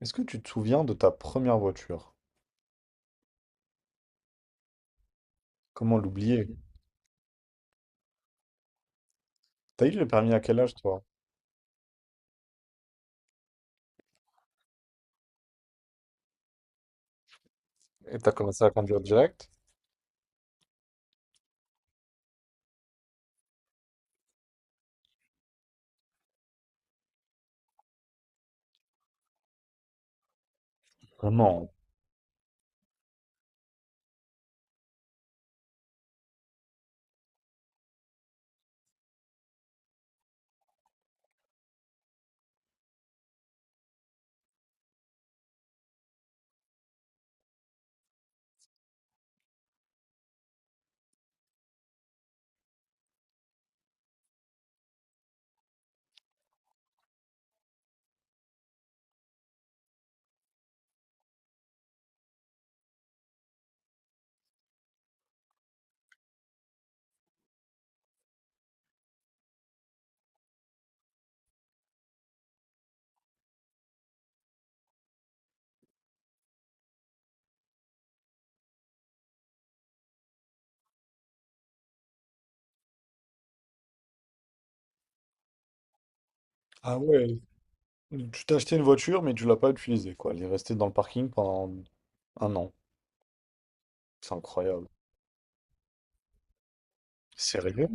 Est-ce que tu te souviens de ta première voiture? Comment l'oublier? T'as eu le permis à quel âge, toi? Et t'as commencé à conduire direct? Vraiment? Ah ouais, tu t'es acheté une voiture, mais tu l'as pas utilisée, quoi. Elle est restée dans le parking pendant un an. C'est incroyable. Sérieux?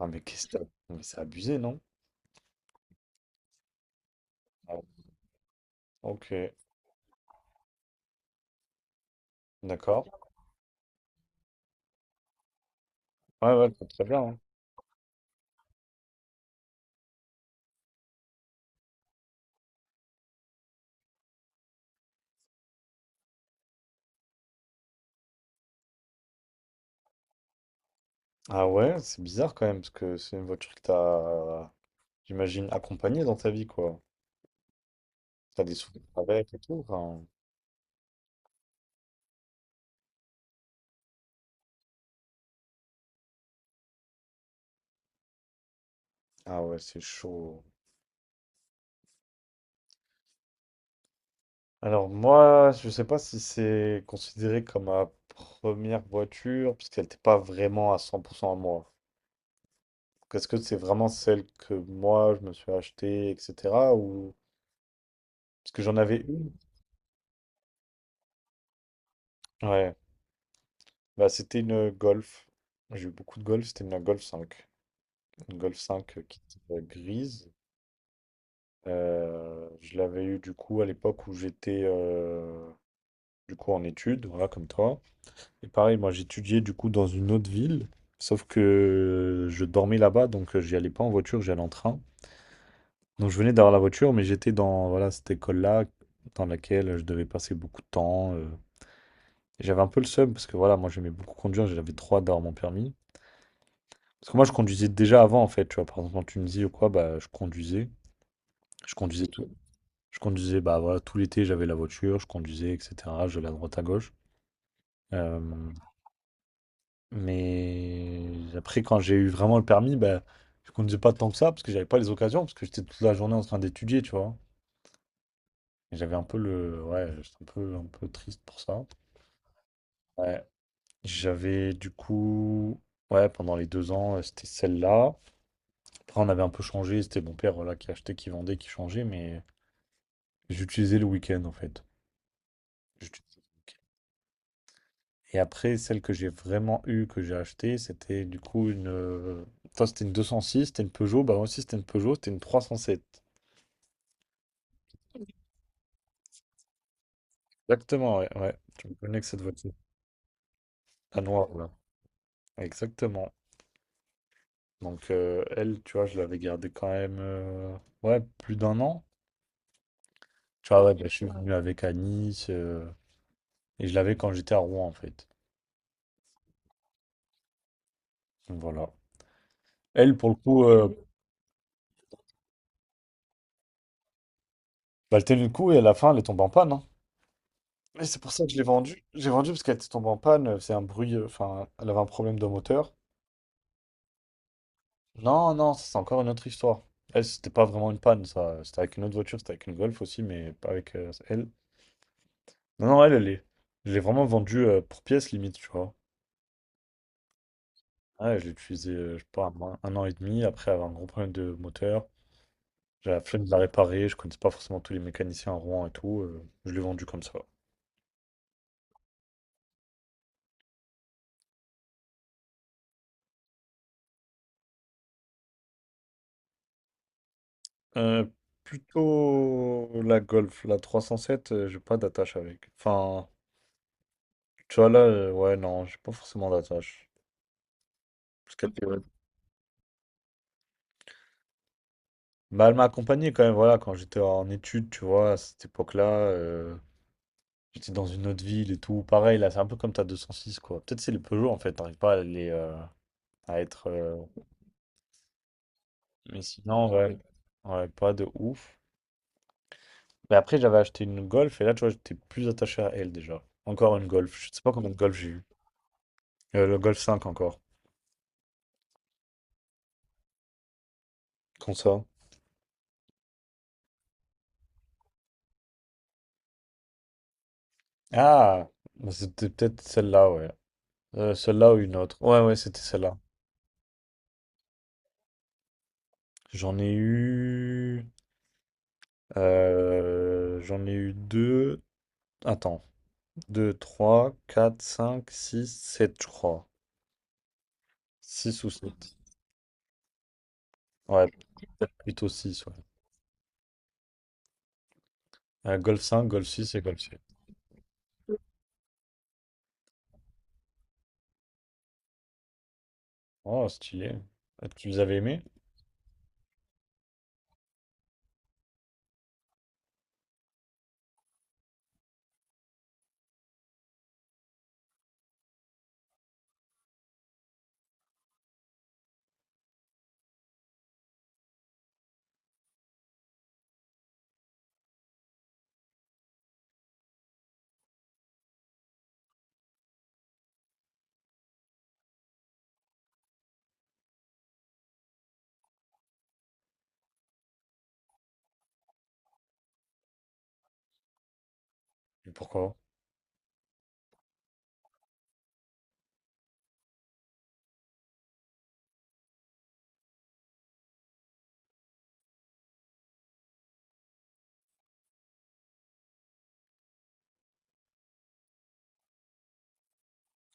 Ah, mais c'est abusé, non? Ah, ok, d'accord. Ouais, ouais, c'est très bien, hein. Ah ouais, c'est bizarre quand même, parce que c'est une voiture que t'as, j'imagine, accompagnée dans ta vie, quoi. T'as des souvenirs avec et tout, enfin. Ah ouais, c'est chaud. Alors moi, je sais pas si c'est considéré comme ma première voiture, puisqu'elle n'était pas vraiment à 100% à moi. Est-ce que c'est vraiment celle que moi, je me suis achetée, etc. ou. Parce que j'en avais une. Ouais, bah, c'était une Golf. J'ai eu beaucoup de Golf, c'était une Golf 5. Une Golf 5, qui était, grise. Je l'avais eu du coup à l'époque où j'étais, du coup en études, voilà, comme toi. Et pareil, moi j'étudiais du coup dans une autre ville, sauf que je dormais là-bas, donc j'y allais pas en voiture, j'y allais en train. Donc je venais d'avoir la voiture, mais j'étais dans voilà, cette école-là, dans laquelle je devais passer beaucoup de temps. Et j'avais un peu le seum, parce que voilà, moi j'aimais beaucoup conduire, j'avais trop hâte d'avoir mon permis. Parce que moi je conduisais déjà avant en fait, tu vois, par exemple en Tunisie ou quoi, bah je conduisais. Je conduisais tout. Je conduisais, bah voilà, tout l'été j'avais la voiture, je conduisais, etc. Je vais à droite à gauche. Euh, Mais après, quand j'ai eu vraiment le permis, ben, je conduisais pas tant que ça parce que j'avais pas les occasions, parce que j'étais toute la journée en train d'étudier, tu vois. Et j'avais un peu le. Ouais, j'étais un peu triste pour ça. Ouais. J'avais du coup. Ouais, pendant les 2 ans, c'était celle-là. Après, on avait un peu changé. C'était mon père voilà, qui achetait, qui vendait, qui changeait, mais j'utilisais le week-end en fait. J'utilisais le week-end. Et après, celle que j'ai vraiment eue, que j'ai achetée, c'était du coup une. Toi, c'était une 206, c'était une Peugeot. Bah, moi aussi, c'était une Peugeot, c'était une 307. Exactement, ouais, ouais. Je me connais que cette voiture. La noire, là. Exactement. Donc, elle, tu vois, je l'avais gardée quand même, ouais, plus d'un an. Tu vois, ouais, bah, je suis venu avec à Nice, et je l'avais quand j'étais à Rouen, en fait. Donc, voilà. Elle, pour le coup, bah, elle tenait le coup, et à la fin, elle est tombée en panne, hein. Et c'est pour ça que je l'ai vendue. J'ai vendu parce qu'elle était tombée en panne, c'est un bruit, enfin, elle avait un problème de moteur. Non, non, ça, c'est encore une autre histoire. Elle, c'était pas vraiment une panne, ça. C'était avec une autre voiture, c'était avec une Golf aussi, mais pas avec elle. Non, non, elle, elle est. Je l'ai vraiment vendue pour pièce limite, tu vois. Ouais, je l'ai utilisée, je sais pas, un an et demi, après avoir un gros problème de moteur. J'ai la flemme de la réparer, je connaissais pas forcément tous les mécaniciens à Rouen et tout. Je l'ai vendue comme ça. Euh, Plutôt la Golf, la 307, j'ai pas d'attache avec. Enfin, tu vois là, ouais, non, j'ai pas forcément d'attache. Parce qu'elle était Bah, elle m'a accompagné quand même, voilà, quand j'étais en études, tu vois, à cette époque-là, j'étais dans une autre ville et tout. Pareil, là, c'est un peu comme ta 206, quoi. Peut-être c'est les Peugeot, en fait, t'arrives pas à les, à être. Mais sinon, ouais, ouais, pas de ouf. Mais après, j'avais acheté une Golf, et là, tu vois, j'étais plus attaché à elle, déjà. Encore une Golf, je sais pas combien de Golf j'ai eu. Le Golf 5, encore. Qu'on ça? Ah! Bah, c'était peut-être celle-là, ouais. Celle-là ou une autre. Ouais, ouais, c'était celle-là. J'en ai eu. J'en ai eu deux. Attends. Deux, trois, quatre, cinq, six, sept, je crois. Six ou sept. Ouais, plutôt six, ouais. Golf 5, Golf 6 et Golf 7. Oh, stylé. Tu les avais aimés? Et pourquoi?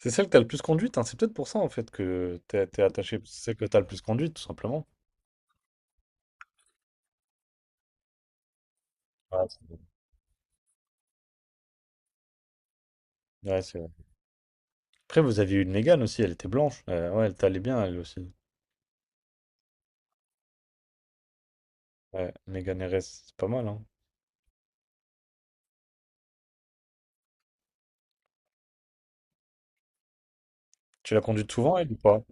C'est celle que t'as le plus conduite, hein. C'est peut-être pour ça, en fait, que t'es attaché. C'est celle que t'as le plus conduite, tout simplement. Ouais, c'est vrai. Ouais, c'est vrai. Après, vous aviez eu une Mégane aussi, elle était blanche. Ouais, elle t'allait bien, elle aussi. Ouais, Mégane RS, c'est pas mal, hein. Tu l'as conduite souvent, elle, ou pas?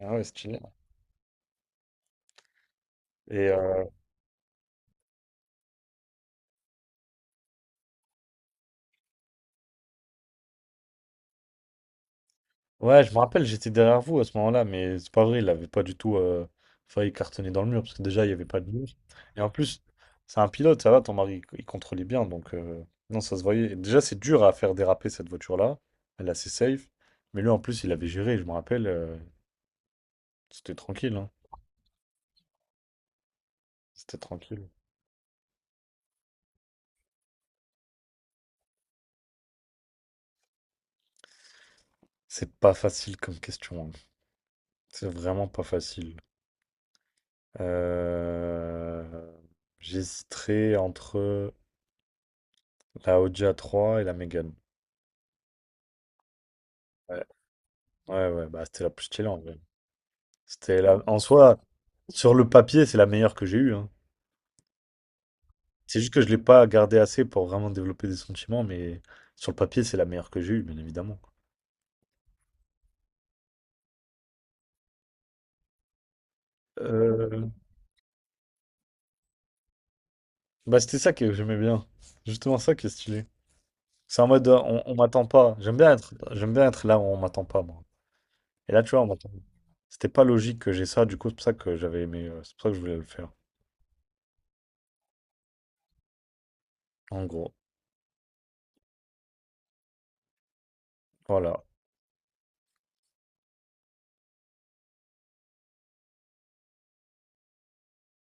Ah ouais, stylé. Et ouais, je me rappelle, j'étais derrière vous à ce moment-là, mais c'est pas vrai, il avait pas du tout failli cartonner dans le mur, parce que déjà, il n'y avait pas de mur. Et en plus, c'est un pilote, ça va, ton mari, il contrôlait bien, donc non, ça se voyait. Et déjà, c'est dur à faire déraper cette voiture-là, elle est assez safe, mais lui, en plus, il avait géré, je me rappelle, c'était tranquille, hein, c'était tranquille. C'est pas facile comme question, hein. C'est vraiment pas facile. Euh... J'hésiterais entre la Audi A3 et la Mégane. Ouais, ouais, bah c'était la plus stylée en vrai. En soi, sur le papier, c'est la meilleure que j'ai eue, hein. C'est juste que je l'ai pas gardée assez pour vraiment développer des sentiments, mais sur le papier, c'est la meilleure que j'ai eue, bien évidemment. Euh, Bah c'était ça que j'aimais bien. Justement ça qui est stylé. C'est en mode on m'attend pas. J'aime bien être là où on m'attend pas, moi. Et là, tu vois, on m'attend pas. C'était pas logique que j'ai ça, du coup, c'est pour ça que j'avais aimé. C'est pour ça que je voulais le faire. En gros. Voilà.